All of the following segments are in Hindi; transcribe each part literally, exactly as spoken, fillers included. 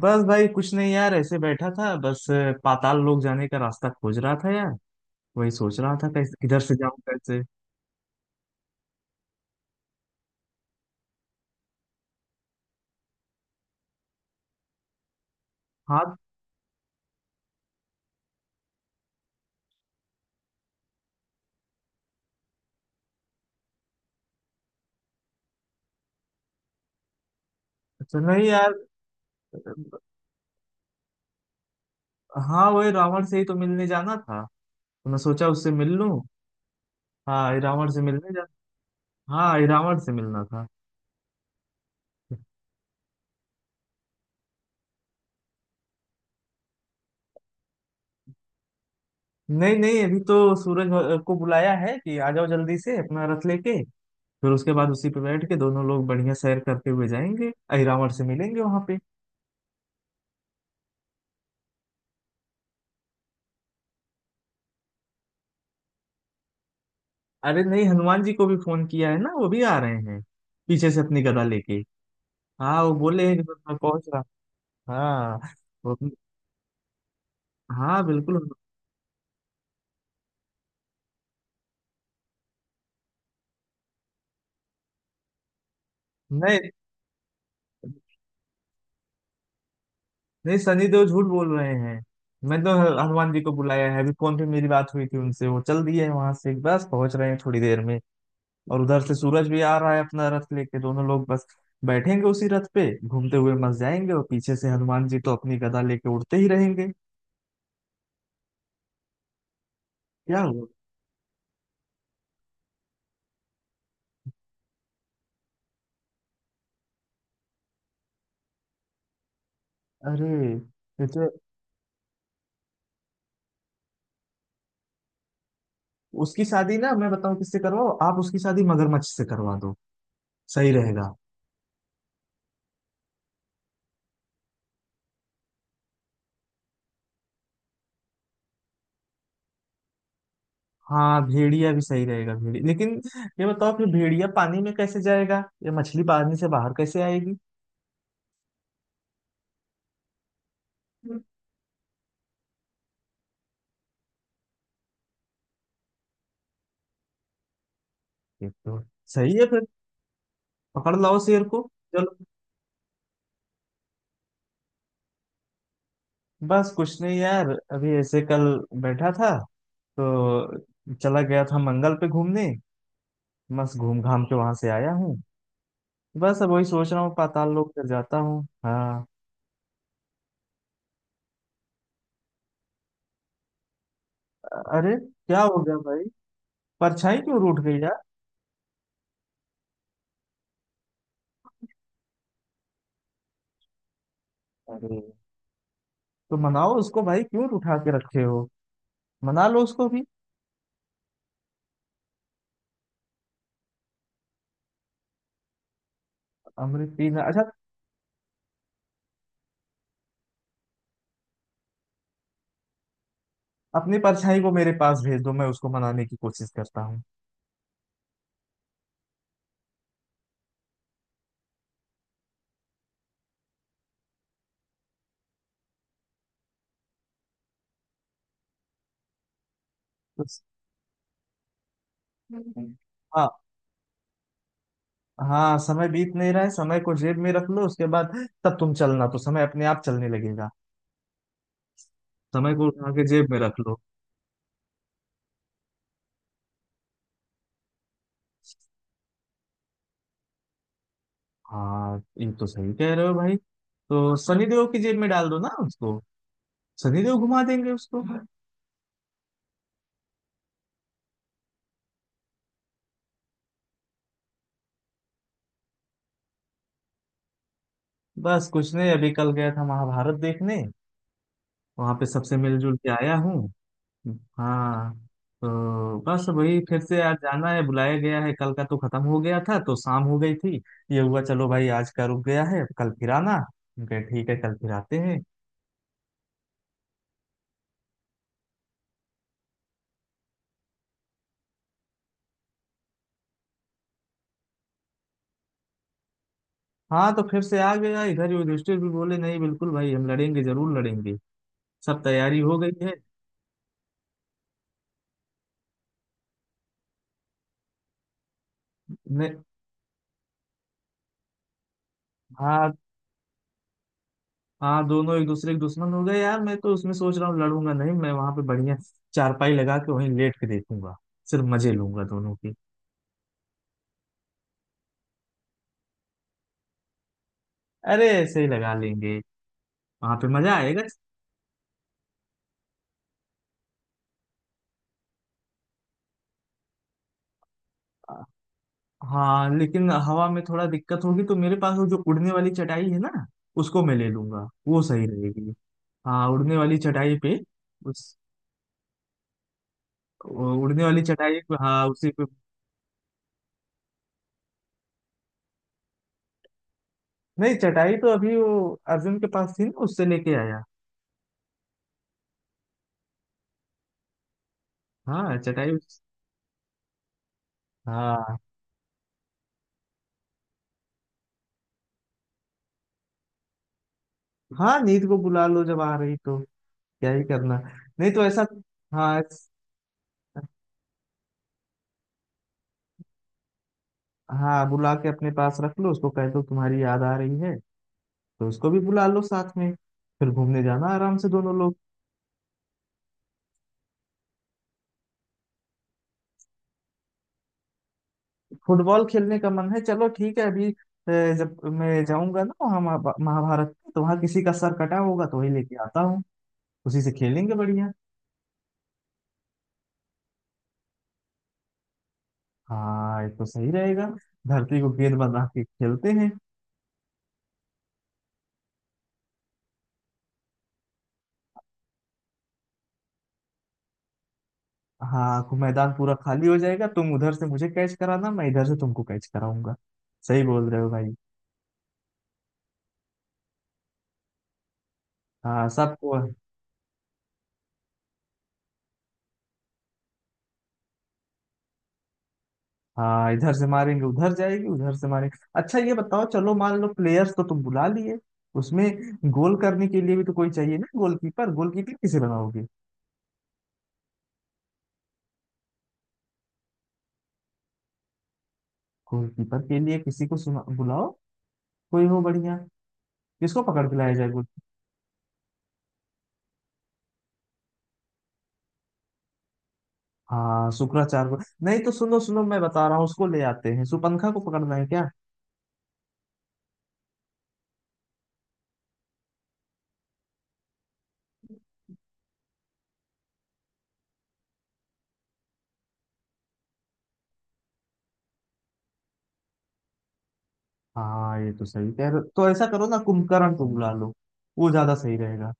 बस भाई कुछ नहीं यार, ऐसे बैठा था। बस अ, पाताल लोक जाने का रास्ता खोज रहा था यार। वही सोच रहा था कैसे किधर से जाऊं कैसे। हाँ। अच्छा नहीं यार। हाँ वही रावण से ही तो मिलने जाना था, तो मैं सोचा उससे मिल लूं। हाँ ये रावण से मिलने जा। हाँ ये रावण से मिलना था। नहीं नहीं, अभी तो सूरज भ- को बुलाया है कि आ जाओ जल्दी से अपना रथ लेके। फिर उसके बाद उसी पे बैठ के दोनों लोग बढ़िया सैर करते हुए जाएंगे, अहिरावण से मिलेंगे वहां पे। अरे नहीं, हनुमान जी को भी फोन किया है ना, वो भी आ रहे हैं पीछे से अपनी गदा लेके। हाँ वो बोले हैं कि बस मैं पहुंच रहा हूं। हाँ। वो अपनी- हाँ बिल्कुल। नहीं नहीं, सनी देओल झूठ बोल रहे हैं। मैं तो हनुमान जी को बुलाया है, अभी फोन पे मेरी बात हुई थी उनसे, वो चल दिए हैं वहां से, बस पहुंच रहे हैं थोड़ी देर में। और उधर से सूरज भी आ रहा है अपना रथ लेके, दोनों लोग बस बैठेंगे उसी रथ पे, घूमते हुए मस जाएंगे। और पीछे से हनुमान जी तो अपनी गदा लेके उड़ते ही रहेंगे। क्या हुआ? अरे ये तो। उसकी शादी ना मैं बताऊं किससे करवाओ, आप उसकी शादी मगरमच्छ से करवा दो, सही रहेगा। हाँ भेड़िया भी सही रहेगा भेड़िया, लेकिन ये बताओ कि भेड़िया पानी में कैसे जाएगा, ये मछली पानी से बाहर कैसे आएगी। ये तो। सही है फिर। पकड़ लाओ शेर को। चलो। बस कुछ नहीं यार, अभी ऐसे कल बैठा था तो चला गया था मंगल पे घूमने। बस घूम घाम के वहां से आया हूँ। बस अब वही सोच रहा हूँ पाताल लोक फिर जाता हूँ हाँ। अ- अरे क्या हो गया भाई? परछाई क्यों रूठ गई? अरे तो मनाओ उसको भाई, क्यों उठा के रखे हो। मना लो उसको भी। अमृत पीना, अच्छा। अपनी परछाई को मेरे पास भेज दो, मैं उसको मनाने की कोशिश करता हूँ। उस- हम्म। हाँ। हाँ समय बीत नहीं रहा है, समय को जेब में रख लो उसके बाद। तब तुम चलना तो समय अपने आप चलने लगेगा। समय को उठा के जेब में रख लो। हाँ ये तो सही कह रहे हो भाई। तो शनिदेव की जेब में डाल दो ना उसको, शनिदेव घुमा देंगे उसको। बस कुछ नहीं, अभी कल गया था महाभारत देखने। वहां पे सबसे मिलजुल के आया हूँ। हाँ। तो बस वही फिर से आज जाना है, बुलाया गया है, कल का तो खत्म हो गया था तो शाम हो गई थी। ये हुआ चलो भाई आज का रुक गया है, कल फिर आना, हम कहे ठीक है कल फिर आते हैं। हाँ तो फिर से आ गया इधर, युधिष्ठिर भी बोले नहीं बिल्कुल भाई हम लड़ेंगे जरूर लड़ेंगे। सब तैयारी हो गई है। ने, हाँ हाँ, दोनों एक दूसरे के दुश्मन हो गए यार, मैं तो उसमें सोच रहा हूँ लड़ूंगा नहीं, मैं वहां पे बढ़िया चारपाई लगा के वहीं लेट के देखूंगा। सिर्फ मजे लूंगा दोनों की। अरे ऐसे ही लगा लेंगे, वहां पे मजा आएगा। हाँ लेकिन हवा में थोड़ा दिक्कत होगी, तो मेरे पास वो जो उड़ने वाली चटाई है ना, उसको मैं ले लूंगा, वो सही रहेगी। हाँ उड़ने वाली चटाई पे। उस वो उड़ने वाली चटाई पे, हाँ उसी पे। नहीं चटाई तो अभी वो अर्जुन के पास थी ना, उससे लेके आया। हाँ चटाई उस- हाँ। हाँ नींद को बुला लो, जब आ रही तो क्या ही करना। नहीं तो ऐसा। हाँ ऐस- हाँ बुला के अपने पास रख लो, उसको कह दो तुम्हारी याद आ रही है, तो उसको भी बुला लो साथ में। फिर घूमने जाना आराम से दोनों लोग। फुटबॉल खेलने का मन है, चलो ठीक है अभी अ, जब मैं जाऊंगा ना वहाँ महा- महाभारत में, तो वहाँ किसी का सर कटा होगा तो वही लेके आता हूँ। उसी से खेलेंगे बढ़िया। हाँ ये तो सही रहेगा, धरती को गेंद बना के खेलते हैं। हाँ खु- मैदान पूरा खाली हो जाएगा, तुम उधर से मुझे कैच कराना, मैं इधर से तुमको कैच कराऊंगा। सही बोल रहे हो भाई। हाँ सबको। हाँ इधर से मारेंगे उधर जाएगी, उधर से मारेंगे। अच्छा ये बताओ, चलो मान लो प्लेयर्स तो तुम बुला लिए, उसमें गोल करने के लिए भी तो कोई चाहिए ना, गोलकीपर। गोलकीपर किसे बनाओगे? गोलकीपर के लिए किसी को सुना बुलाओ, कोई हो बढ़िया। किसको पकड़ के लाया जाए गोल। हाँ शुक्राचार्य को। नहीं तो सुनो सुनो, मैं बता रहा हूँ, उसको ले आते हैं, सुपंखा को पकड़ना है क्या। हाँ ये तो सही कह रहे हो। तो ऐसा करो ना कुंभकर्ण को बुला लो, वो ज्यादा सही रहेगा।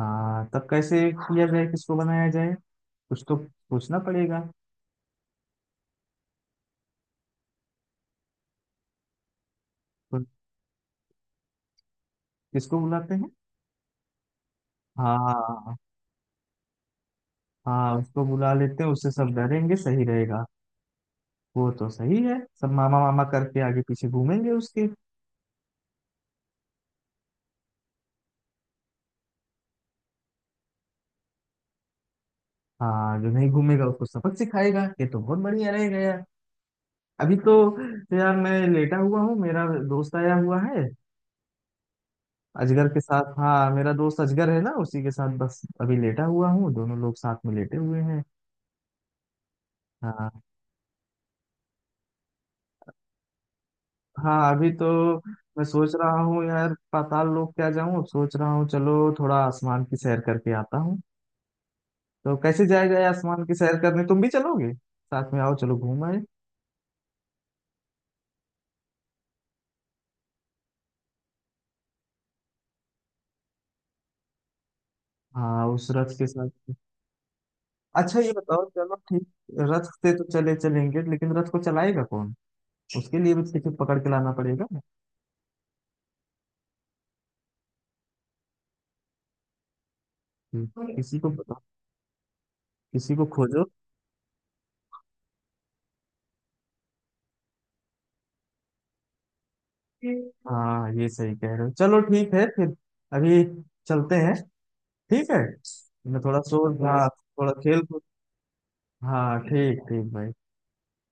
हाँ तब कैसे किया जाए, किसको बनाया जाए। कुछ तो पूछना पड़ेगा। किसको बुलाते हैं? हाँ हाँ, उसको बुला लेते हैं, उससे सब डरेंगे, सही रहेगा। वो तो सही है, सब मामा मामा करके आगे पीछे घूमेंगे उसके। हाँ जो नहीं घूमेगा उसको सबक सिखाएगा, ये तो बहुत बढ़िया रहेगा यार। अभी तो यार मैं लेटा हुआ हूँ, मेरा दोस्त आया हुआ है अजगर के साथ। हाँ मेरा दोस्त अजगर है ना, उसी के साथ बस अभी लेटा हुआ हूँ, दोनों लोग साथ में लेटे हुए हैं। हाँ। हाँ अभी तो मैं सोच रहा हूँ यार, पाताल लोक क्या जाऊँ, अब सोच रहा हूँ चलो थोड़ा आसमान की सैर करके आता हूँ। तो कैसे जाएगा ये आसमान की सैर करने, तुम भी चलोगे साथ में, आओ चलो घूम आए। हाँ उस रथ के साथ। अच्छा ये बताओ चलो ठीक, रथ से तो चले चलेंगे लेकिन रथ को चलाएगा कौन? उसके लिए भी किसी को पकड़ के लाना पड़ेगा। हम्म, किसी को बताओ, किसी को खोजो। हाँ ये सही कह रहे हो, चलो ठीक है फिर अभी चलते हैं ठीक है। मैं थोड़ा सो हाँ थोड़ा खेल कूद। हाँ ठीक ठीक भाई।